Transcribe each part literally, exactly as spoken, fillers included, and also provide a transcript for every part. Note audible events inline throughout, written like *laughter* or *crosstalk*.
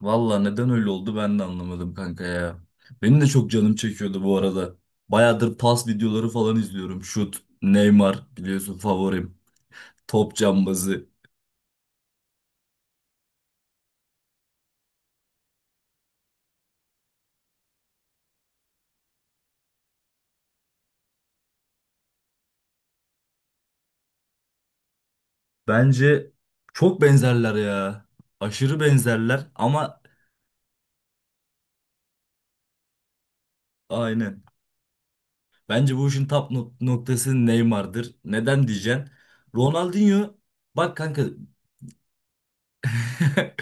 Valla neden öyle oldu ben de anlamadım kanka ya. Benim de çok canım çekiyordu bu arada. Bayağıdır pas videoları falan izliyorum. Şut, Neymar biliyorsun favorim. Top cambazı. Bence çok benzerler ya. Aşırı benzerler ama aynen. Bence bu işin tap nok- noktası Neymar'dır. Neden diyeceksin? Ronaldinho bak kanka. *laughs*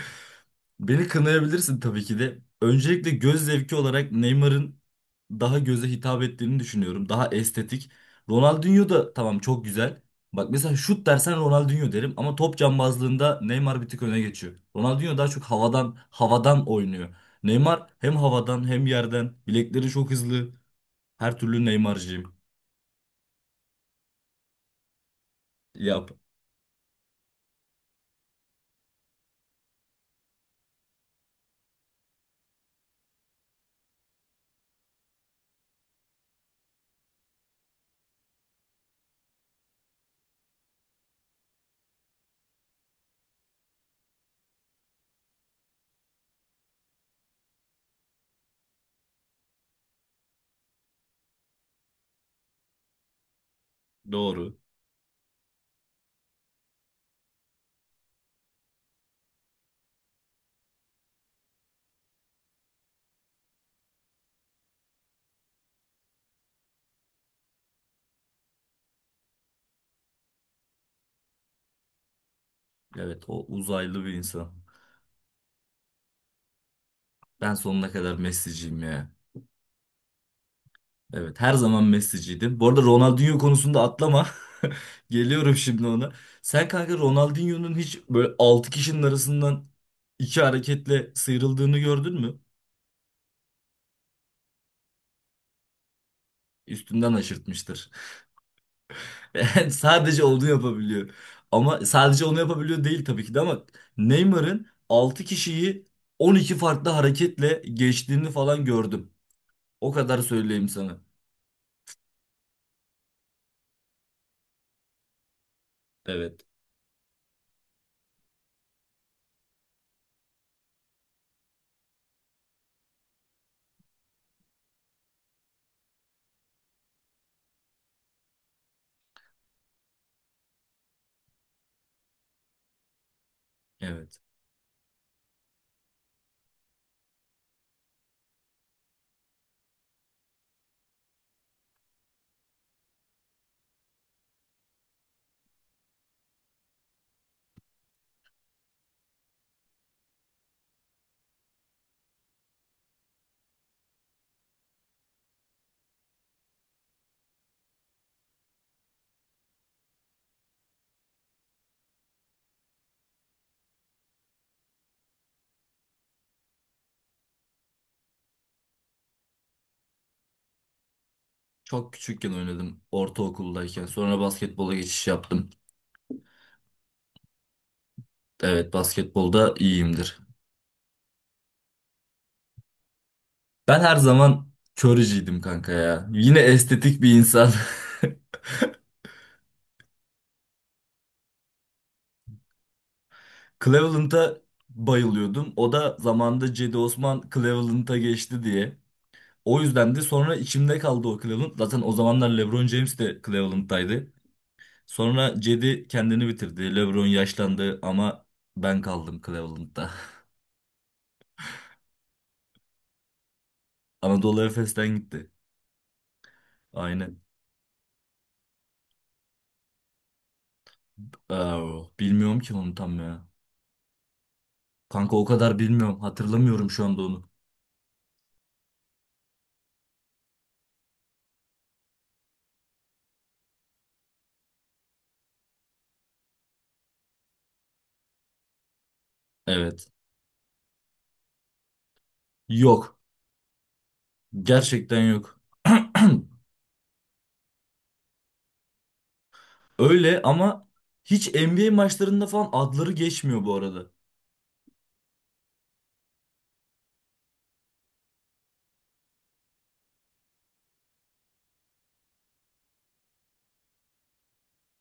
Beni kınayabilirsin tabii ki de. Öncelikle göz zevki olarak Neymar'ın daha göze hitap ettiğini düşünüyorum. Daha estetik. Ronaldinho da tamam çok güzel. Bak mesela şut dersen Ronaldinho derim ama top cambazlığında Neymar bir tık öne geçiyor. Ronaldinho daha çok havadan havadan oynuyor. Neymar hem havadan hem yerden. Bilekleri çok hızlı. Her türlü Neymar'cıyım. Yap. Doğru. Evet, o uzaylı bir insan. Ben sonuna kadar Messi'ciyim ya. Evet, her zaman Messi'ciydim. Bu arada Ronaldinho konusunda atlama. *laughs* Geliyorum şimdi ona. Sen kanka Ronaldinho'nun hiç böyle altı kişinin arasından iki hareketle sıyrıldığını gördün mü? Üstünden aşırtmıştır. *laughs* Yani sadece onu yapabiliyor. Ama sadece onu yapabiliyor değil tabii ki de ama Neymar'ın altı kişiyi on iki farklı hareketle geçtiğini falan gördüm. O kadar söyleyeyim sana. Evet. Evet. Çok küçükken oynadım ortaokuldayken. Sonra basketbola geçiş yaptım. Evet, basketbolda iyiyimdir. Ben her zaman Curry'ciydim kanka ya. Yine estetik bir insan. *laughs* Cleveland'a bayılıyordum. O da zamanında Cedi Osman Cleveland'a geçti diye. O yüzden de sonra içimde kaldı o Cleveland. Zaten o zamanlar LeBron James de Cleveland'daydı. Sonra Cedi kendini bitirdi. LeBron yaşlandı ama ben kaldım Cleveland'da. *laughs* Anadolu Efes'ten gitti. Aynen. Aa, bilmiyorum ki onu tam ya. Kanka o kadar bilmiyorum. Hatırlamıyorum şu anda onu. Evet. Yok. Gerçekten yok. *clears throat* Öyle ama hiç N B A maçlarında falan adları geçmiyor bu arada.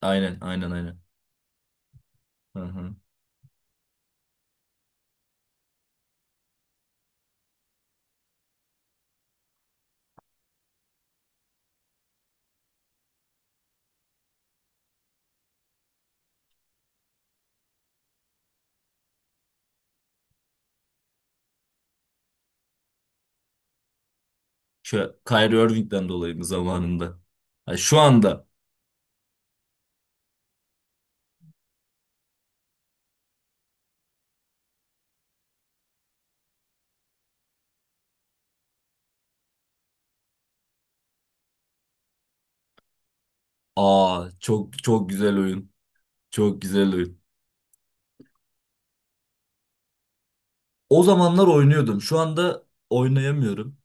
Aynen, aynen, aynen. Hı hı. Şu Kyrie Irving'den dolayı mı zamanında? Ha, şu anda. Aa, çok çok güzel oyun. Çok güzel oyun. O zamanlar oynuyordum. Şu anda oynayamıyorum.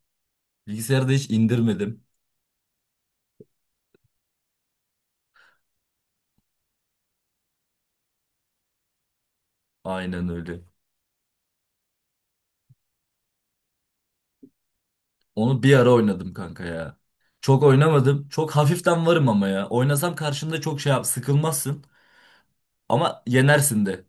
Bilgisayarda hiç indirmedim. Aynen öyle. Onu bir ara oynadım kanka ya. Çok oynamadım. Çok hafiften varım ama ya. Oynasam karşında çok şey yap, sıkılmazsın. Ama yenersin de.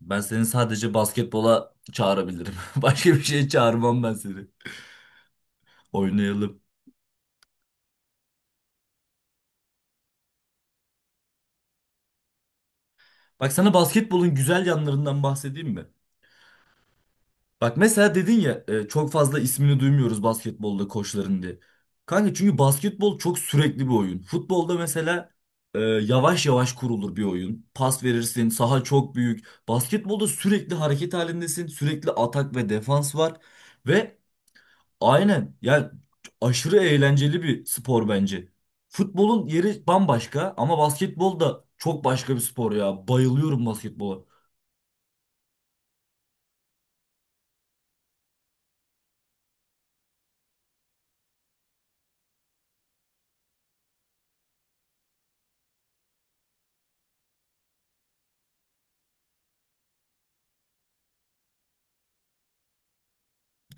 Ben seni sadece basketbola çağırabilirim. *laughs* Başka bir şeye çağırmam ben seni. Oynayalım. Bak sana basketbolun güzel yanlarından bahsedeyim mi? Bak mesela dedin ya e, çok fazla ismini duymuyoruz basketbolda koçların diye. Kanka çünkü basketbol çok sürekli bir oyun. Futbolda mesela e, yavaş yavaş kurulur bir oyun. Pas verirsin, saha çok büyük. Basketbolda sürekli hareket halindesin. Sürekli atak ve defans var. Ve aynen. Yani aşırı eğlenceli bir spor bence. Futbolun yeri bambaşka ama basketbol da çok başka bir spor ya. Bayılıyorum basketbola.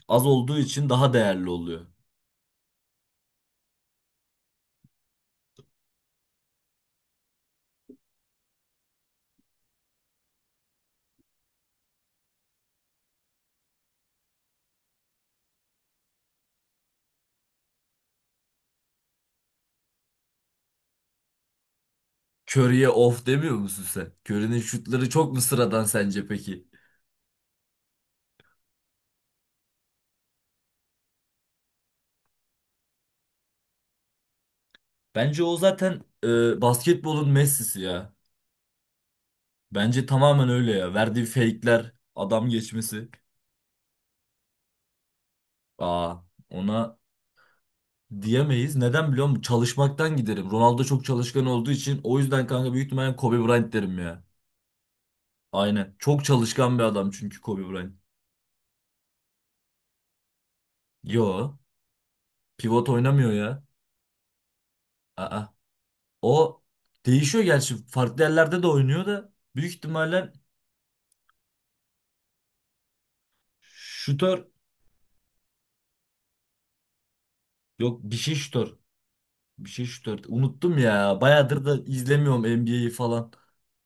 Az olduğu için daha değerli oluyor. Curry'e of demiyor musun sen? Curry'nin şutları çok mu sıradan sence peki? Bence o zaten e, basketbolun Messi'si ya. Bence tamamen öyle ya. Verdiği fake'ler, adam geçmesi. Aa, ona diyemeyiz. Neden biliyor musun? Çalışmaktan giderim. Ronaldo çok çalışkan olduğu için o yüzden kanka büyük ihtimalle Kobe Bryant derim ya. Aynen. Çok çalışkan bir adam çünkü Kobe Bryant. Yo. Pivot oynamıyor ya. Aa. O değişiyor gerçi. Farklı yerlerde de oynuyor da büyük ihtimalle şutör. Yok bir şey şutör. Bir şey şutör. Unuttum ya. Bayağıdır da izlemiyorum N B A'yi falan.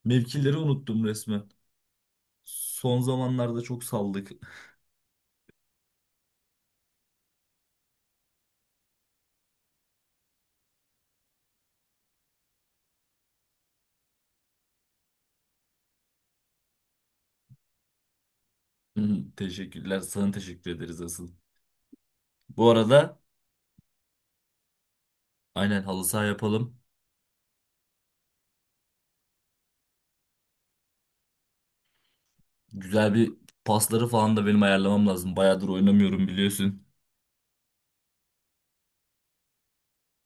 Mevkileri unuttum resmen. Son zamanlarda çok saldık. *laughs* Teşekkürler. Sana teşekkür ederiz asıl. Bu arada aynen halı saha yapalım. Güzel bir pasları falan da benim ayarlamam lazım. Bayağıdır oynamıyorum biliyorsun.